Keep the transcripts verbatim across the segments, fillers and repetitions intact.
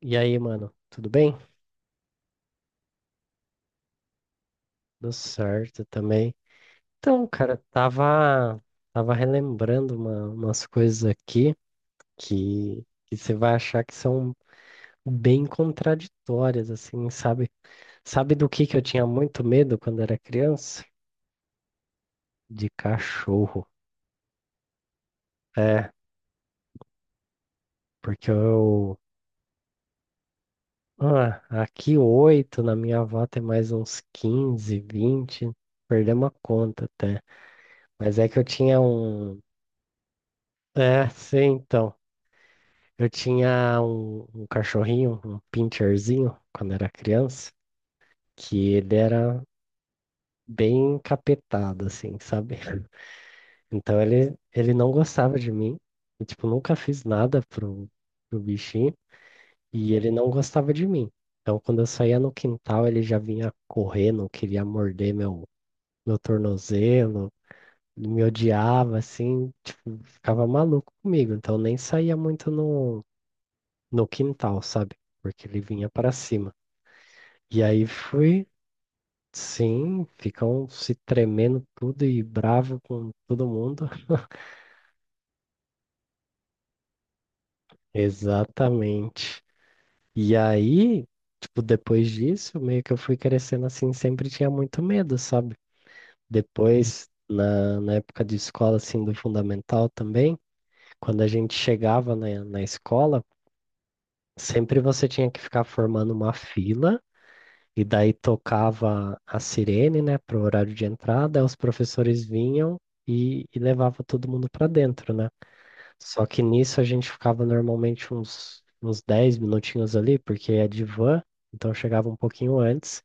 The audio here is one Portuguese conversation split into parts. E aí, mano, tudo bem? Tudo certo também. Então, cara, tava, tava relembrando uma- umas coisas aqui que, que você vai achar que são bem contraditórias, assim, sabe? Sabe do que que eu tinha muito medo quando era criança? De cachorro. É, porque eu. Ah, aqui oito, na minha avó tem mais uns quinze, vinte, perdemos a conta até. Mas é que eu tinha um. É, sim, então. Eu tinha um, um cachorrinho, um pincherzinho, quando era criança, que ele era bem encapetado, assim, sabe? Então ele, ele não gostava de mim. Eu, tipo, nunca fiz nada pro, pro bichinho e ele não gostava de mim. Então quando eu saía no quintal, ele já vinha correndo, queria morder meu, meu tornozelo, me odiava, assim, tipo, ficava maluco comigo. Então eu nem saía muito no, no quintal, sabe? Porque ele vinha para cima. E aí fui, sim, ficam se tremendo tudo e bravo com todo mundo. Exatamente. E aí, tipo, depois disso, meio que eu fui crescendo assim, sempre tinha muito medo, sabe? Depois, na, na época de escola, assim, do fundamental também, quando a gente chegava na, na escola, sempre você tinha que ficar formando uma fila. E daí tocava a sirene, né, para o horário de entrada, aí os professores vinham e, e levava todo mundo para dentro, né? Só que nisso a gente ficava normalmente uns, uns dez minutinhos ali, porque é de van, então eu chegava um pouquinho antes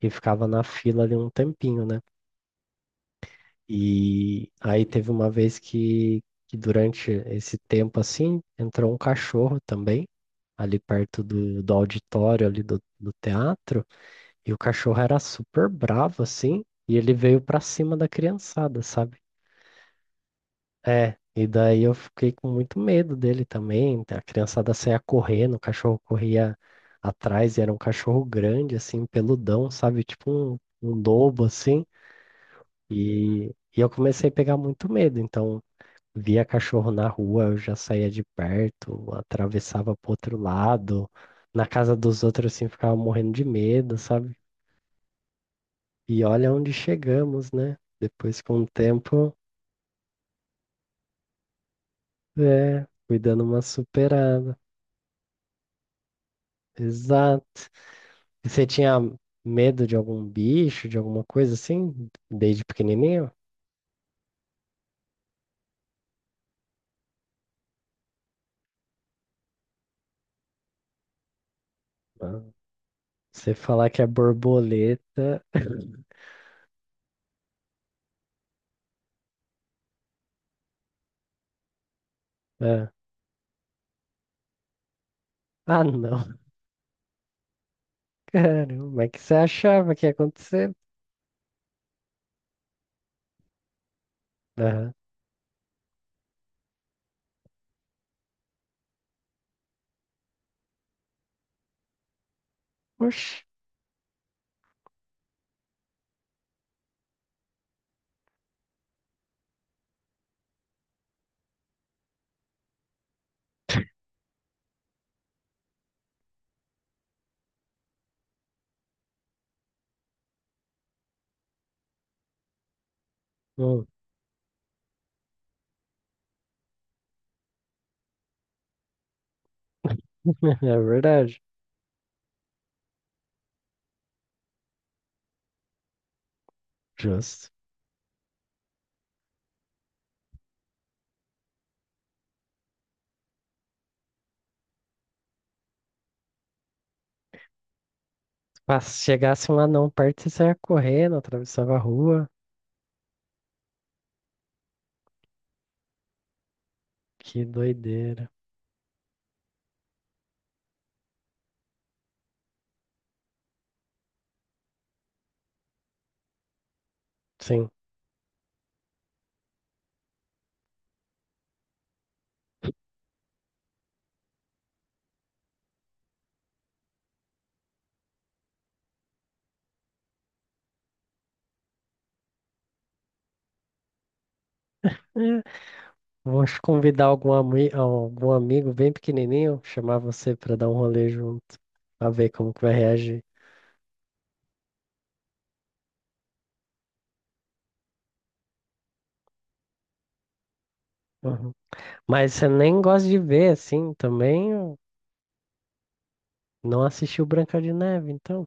e ficava na fila ali um tempinho, né? E aí teve uma vez que, que durante esse tempo assim, entrou um cachorro também, ali perto do, do auditório ali do, do teatro. E o cachorro era super bravo, assim, e ele veio pra cima da criançada, sabe? É, e daí eu fiquei com muito medo dele também. A criançada saía correndo, o cachorro corria atrás, e era um cachorro grande, assim, peludão, sabe? Tipo um, um lobo, assim. E, e eu comecei a pegar muito medo, então via cachorro na rua, eu já saía de perto, atravessava pro outro lado. Na casa dos outros, assim, ficava morrendo de medo, sabe? E olha onde chegamos, né? Depois, com o tempo, é, fui dando uma superada. Exato. E você tinha medo de algum bicho, de alguma coisa assim, desde pequenininho? Ah, você falar que é borboleta. Ah, ah, não. Caramba, mas que você achava que ia acontecer? Aham. Oxi. Hum. É verdade. Justo. Ah, se chegasse um anão perto, você saia correndo, atravessava a rua. Que doideira. Sim. É, vou te convidar algum, ami- algum amigo bem pequenininho, chamar você pra dar um rolê junto, pra ver como que vai reagir. Uhum. Mas você nem gosta de ver, assim, também eu não assistiu Branca de Neve, então.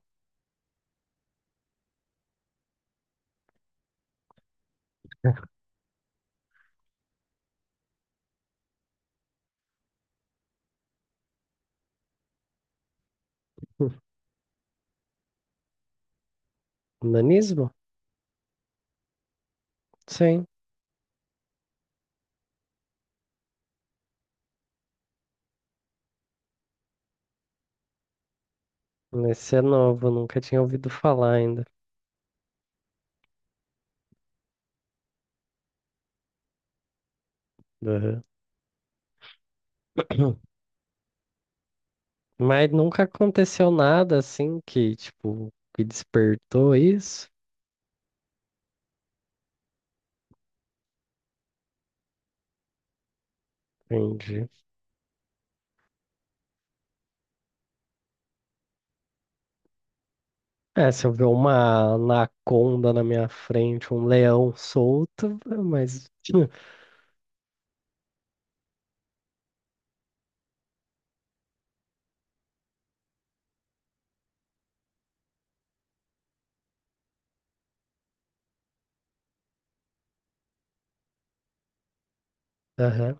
Nanismo? Sim. Esse é novo, nunca tinha ouvido falar ainda. Uhum. Mas nunca aconteceu nada assim que, tipo, que despertou isso. Entendi. É, se eu ver uma anaconda na minha frente, um leão solto, mas. Aham.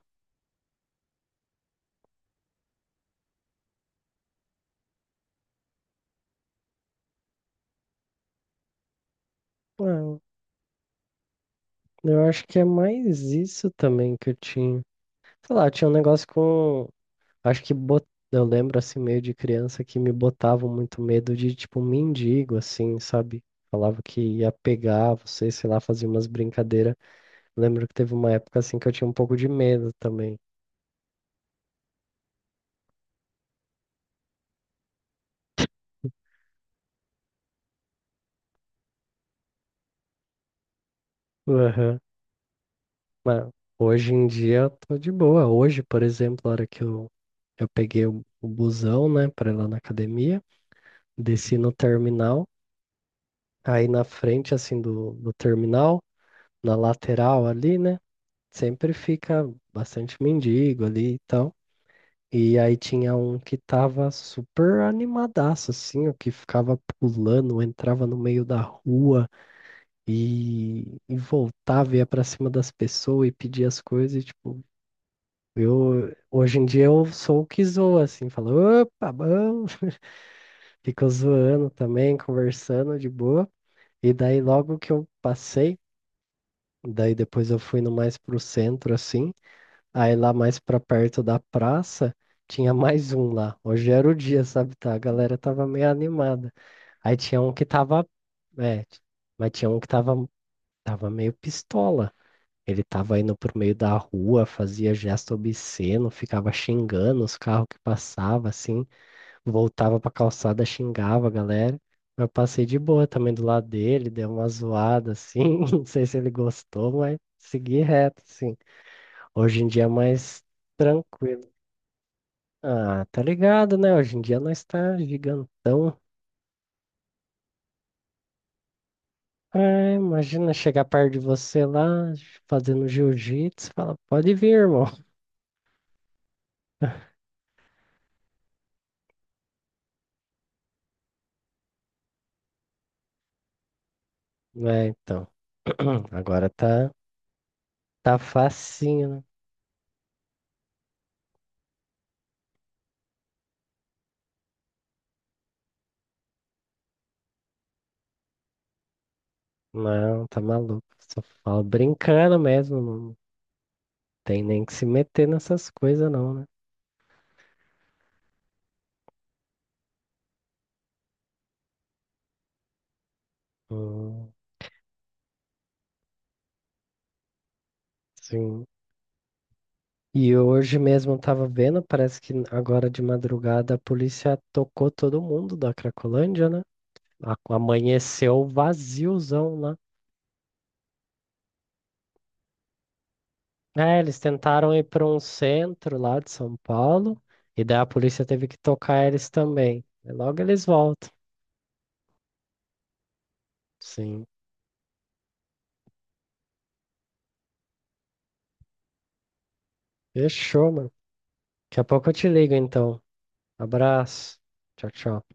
Não, eu acho que é mais isso também que eu tinha. Sei lá, tinha um negócio com. Acho que bot... eu lembro assim, meio de criança, que me botavam muito medo de, tipo, um mendigo, assim, sabe? Falava que ia pegar você, sei lá, fazia umas brincadeiras. Lembro que teve uma época assim que eu tinha um pouco de medo também. Mas hoje em dia eu tô de boa. Hoje, por exemplo, a hora que eu, eu peguei o, o busão, né, pra ir lá na academia, desci no terminal, aí na frente, assim, do, do terminal, na lateral ali, né, sempre fica bastante mendigo ali e tal. E aí tinha um que tava super animadaço, assim, o que ficava pulando, entrava no meio da rua e, e voltava, ia pra cima das pessoas e pedia as coisas, e, tipo. Eu, hoje em dia eu sou o que zoa, assim, falo, opa, bom, fico zoando também, conversando de boa. E daí logo que eu passei, daí depois eu fui no mais pro centro, assim, aí lá mais pra perto da praça, tinha mais um lá. Hoje era o dia, sabe, tá? A galera tava meio animada. Aí tinha um que tava, é, mas tinha um que tava, tava meio pistola. Ele tava indo por meio da rua, fazia gesto obsceno, ficava xingando os carros que passavam, assim, voltava pra calçada, xingava a galera. Eu passei de boa também do lado dele, dei uma zoada, assim, não sei se ele gostou, mas segui reto, assim. Hoje em dia é mais tranquilo. Ah, tá ligado, né? Hoje em dia nós tá gigantão. Ah, imagina chegar perto de você lá, fazendo jiu-jitsu, fala, pode vir, irmão. É, então, agora tá. Tá facinho, né? Não, tá maluco. Só falo brincando mesmo. Não tem nem que se meter nessas coisas, não, né? Hum, sim. E hoje mesmo eu tava vendo, parece que agora de madrugada a polícia tocou todo mundo da Cracolândia, né? A- Amanheceu vaziozão lá. É, eles tentaram ir para um centro lá de São Paulo, e daí a polícia teve que tocar eles também. E logo eles voltam. Sim. Fechou, mano. Daqui a pouco eu te ligo, então. Abraço. Tchau, tchau.